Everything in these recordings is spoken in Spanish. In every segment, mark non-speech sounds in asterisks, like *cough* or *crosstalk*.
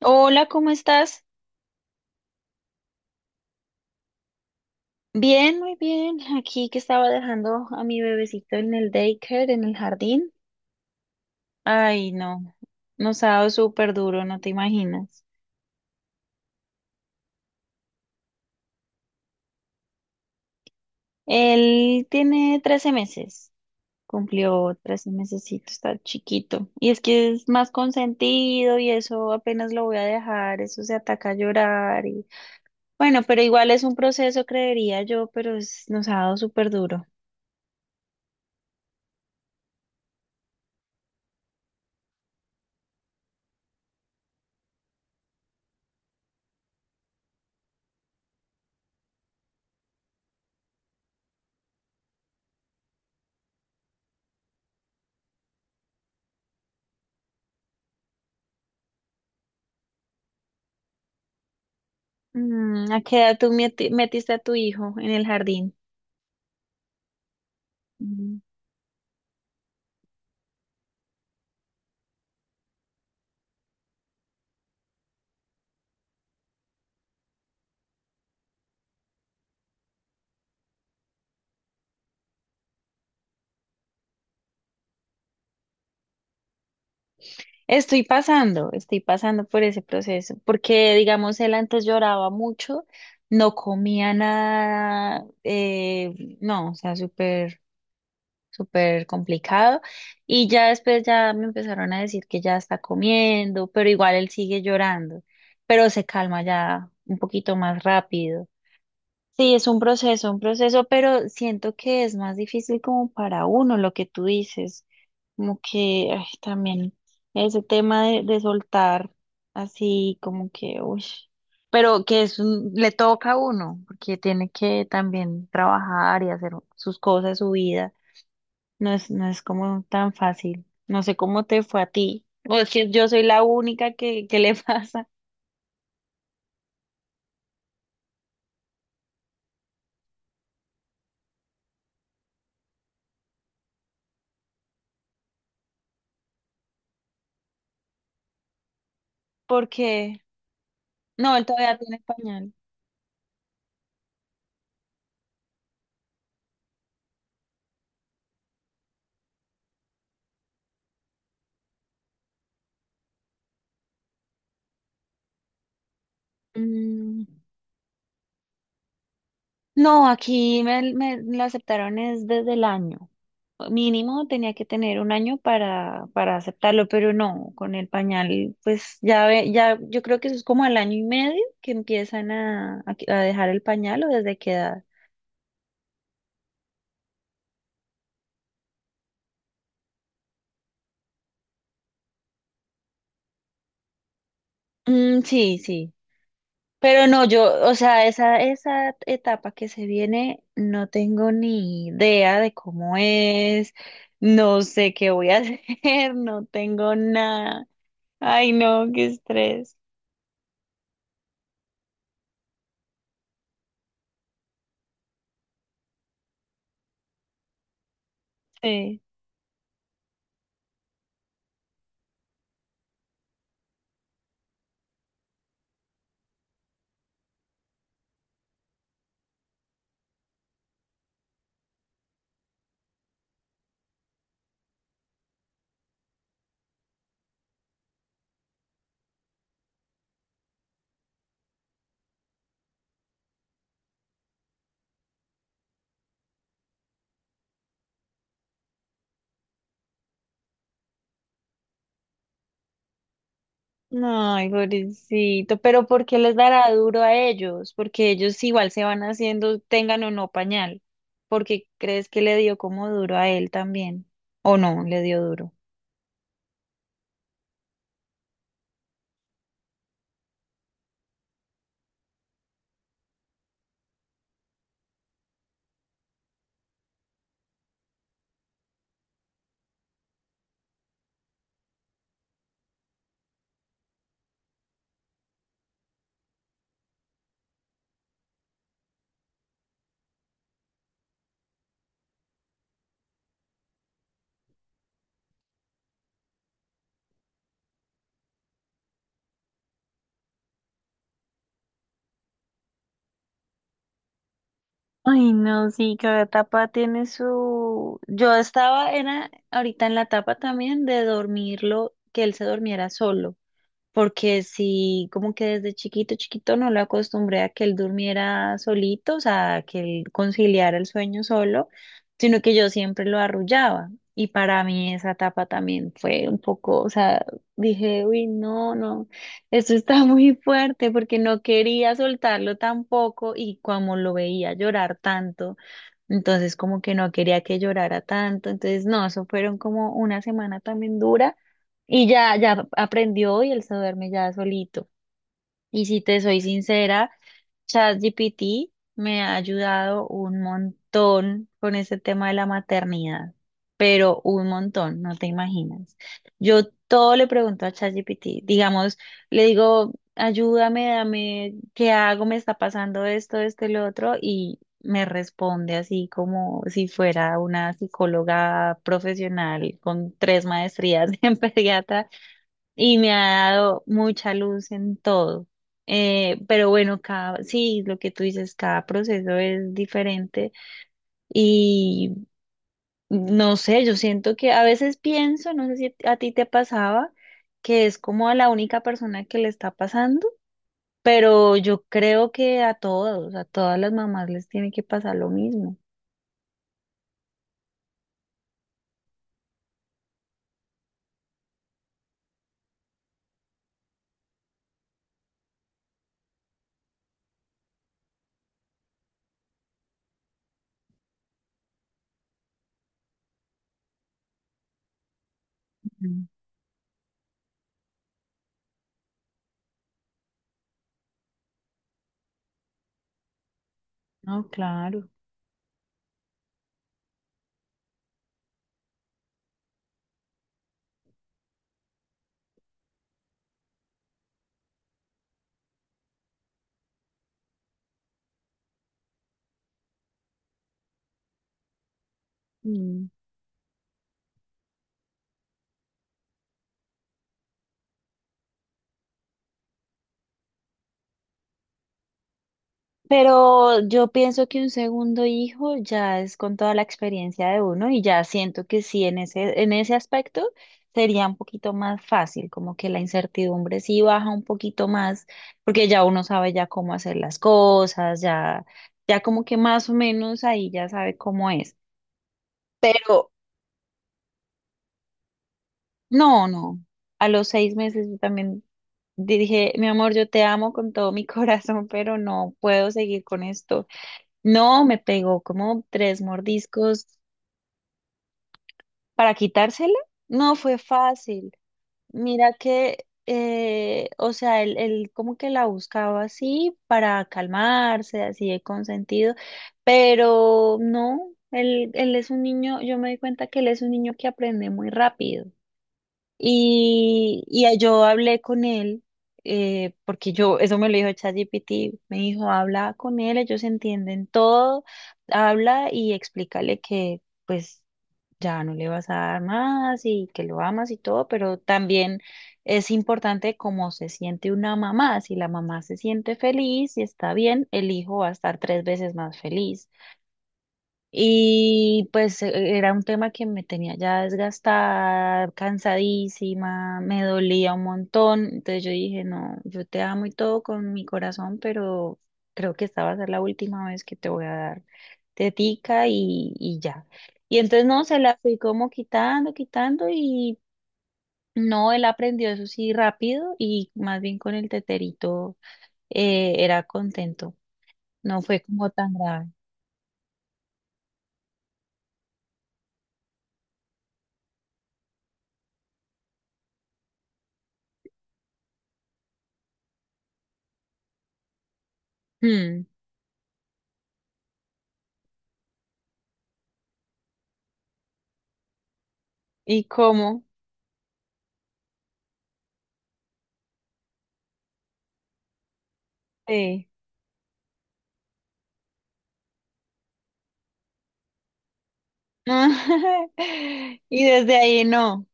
Hola, ¿cómo estás? Bien, muy bien. Aquí que estaba dejando a mi bebecito en el daycare, en el jardín. Ay, no, nos ha dado súper duro, no te imaginas. Él tiene 13 meses, cumplió 13 mesecitos, está chiquito. Y es que es más consentido y eso apenas lo voy a dejar, eso se ataca a llorar. Bueno, pero igual es un proceso, creería yo, pero nos ha dado súper duro. ¿A qué edad tú metiste a tu hijo en el jardín? Mm. Estoy pasando por ese proceso, porque digamos, él antes lloraba mucho, no comía nada, no, o sea, súper, súper complicado. Y ya después ya me empezaron a decir que ya está comiendo, pero igual él sigue llorando, pero se calma ya un poquito más rápido. Sí, es un proceso, pero siento que es más difícil como para uno lo que tú dices, como que ay, también ese tema de soltar así como que, uy, pero que le toca a uno, porque tiene que también trabajar y hacer sus cosas, su vida, no es como tan fácil, no sé cómo te fue a ti, o es que yo soy la única que le *laughs* pasa, porque, no, él todavía tiene pañal. Mm. No, aquí me lo aceptaron es desde el año. Mínimo tenía que tener un año para aceptarlo, pero no, con el pañal, pues ya ve, ya, yo creo que eso es como al año y medio que empiezan a dejar el pañal o desde qué edad. Mm, sí, sí. Pero no, yo, o sea, esa etapa que se viene, no tengo ni idea de cómo es, no sé qué voy a *laughs* hacer, no tengo nada. Ay, no, qué estrés. Sí. Ay, pobrecito, pero ¿por qué les dará duro a ellos? Porque ellos igual se van haciendo, tengan o no pañal. ¿Porque crees que le dio como duro a él también? ¿O no, le dio duro? Ay, no, sí, cada etapa tiene su. Yo estaba, era ahorita en la etapa también de dormirlo, que él se durmiera solo. Porque si como que desde chiquito, chiquito no lo acostumbré a que él durmiera solito, o sea, a que él conciliara el sueño solo, sino que yo siempre lo arrullaba. Y para mí esa etapa también fue un poco, o sea, dije, uy, no, no, esto está *laughs* muy fuerte porque no quería soltarlo tampoco y como lo veía llorar tanto. Entonces como que no quería que llorara tanto. Entonces no, eso fueron como una semana también dura y ya, ya aprendió y él se duerme ya solito. Y si te soy sincera, ChatGPT me ha ayudado un montón con ese tema de la maternidad, pero un montón, no te imaginas. Yo todo le pregunto a ChatGPT, digamos, le digo, ayúdame, dame, ¿qué hago? Me está pasando esto, esto y lo otro, y me responde así como si fuera una psicóloga profesional con tres maestrías *laughs* en pediatra y me ha dado mucha luz en todo. Pero bueno, cada, sí, lo que tú dices, cada proceso es diferente y no sé, yo siento que a veces pienso, no sé si a ti te pasaba, que es como a la única persona que le está pasando, pero yo creo que a todos, a todas las mamás les tiene que pasar lo mismo. Mm. No, claro. Pero yo pienso que un segundo hijo ya es con toda la experiencia de uno y ya siento que sí, en ese aspecto sería un poquito más fácil, como que la incertidumbre sí baja un poquito más, porque ya uno sabe ya cómo hacer las cosas, ya, ya como que más o menos ahí ya sabe cómo es. Pero no, no, a los 6 meses yo también dije, mi amor, yo te amo con todo mi *laughs* corazón, pero no puedo seguir con esto. No, me pegó como tres mordiscos para quitársela. No fue fácil. Mira que, o sea, él como que la buscaba así para calmarse, así de consentido, pero no, él es un niño, yo me di cuenta que él es un niño que aprende muy rápido. Y yo hablé con él, porque yo, eso me lo dijo ChatGPT, me dijo, habla con él, ellos entienden todo, habla y explícale que pues ya no le vas a dar más y que lo amas y todo, pero también es importante cómo se siente una mamá. Si la mamá se siente feliz y está bien, el hijo va a estar tres veces más feliz. Y pues era un tema que me tenía ya desgastada, cansadísima, me dolía un montón. Entonces yo dije, no, yo te amo y todo con mi corazón, pero creo que esta va a ser la última vez que te voy a dar tetica y ya. Y entonces no, se la fui como quitando, quitando y no, él aprendió eso sí rápido y más bien con el teterito era contento. No fue como tan grave. Mm. ¿Y cómo? Sí. Ah, *laughs* y desde ahí no.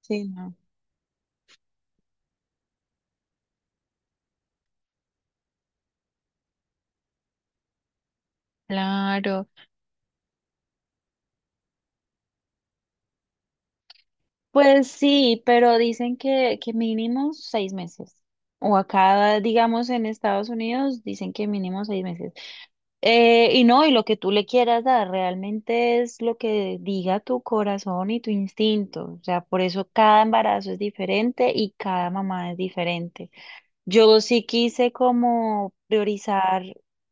Sí, no. Claro. Pues sí, pero dicen que mínimo 6 meses. O acá, digamos, en Estados Unidos, dicen que mínimo 6 meses. Y no, y lo que tú le quieras dar realmente es lo que diga tu corazón y tu instinto. O sea, por eso cada embarazo es diferente y cada mamá es diferente. Yo sí quise como priorizar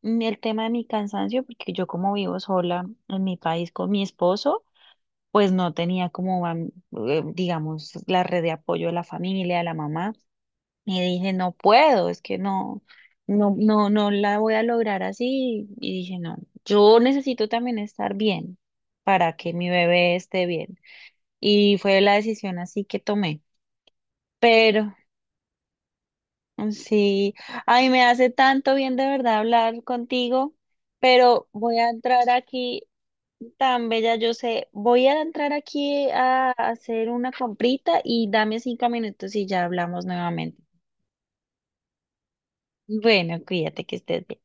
el tema de mi cansancio, porque yo como vivo sola en mi país con mi esposo, pues no tenía como, digamos, la red de apoyo de la familia, de la mamá. Y dije, no puedo, es que no, no, no, no la voy a lograr así. Y dije, no, yo necesito también estar bien para que mi bebé esté bien. Y fue la decisión así que tomé. Pero sí, ay, me hace tanto bien de verdad hablar contigo, pero voy a entrar aquí, tan bella yo sé, voy a entrar aquí a hacer una comprita y dame 5 minutos y ya hablamos nuevamente. Bueno, cuídate que estés bien.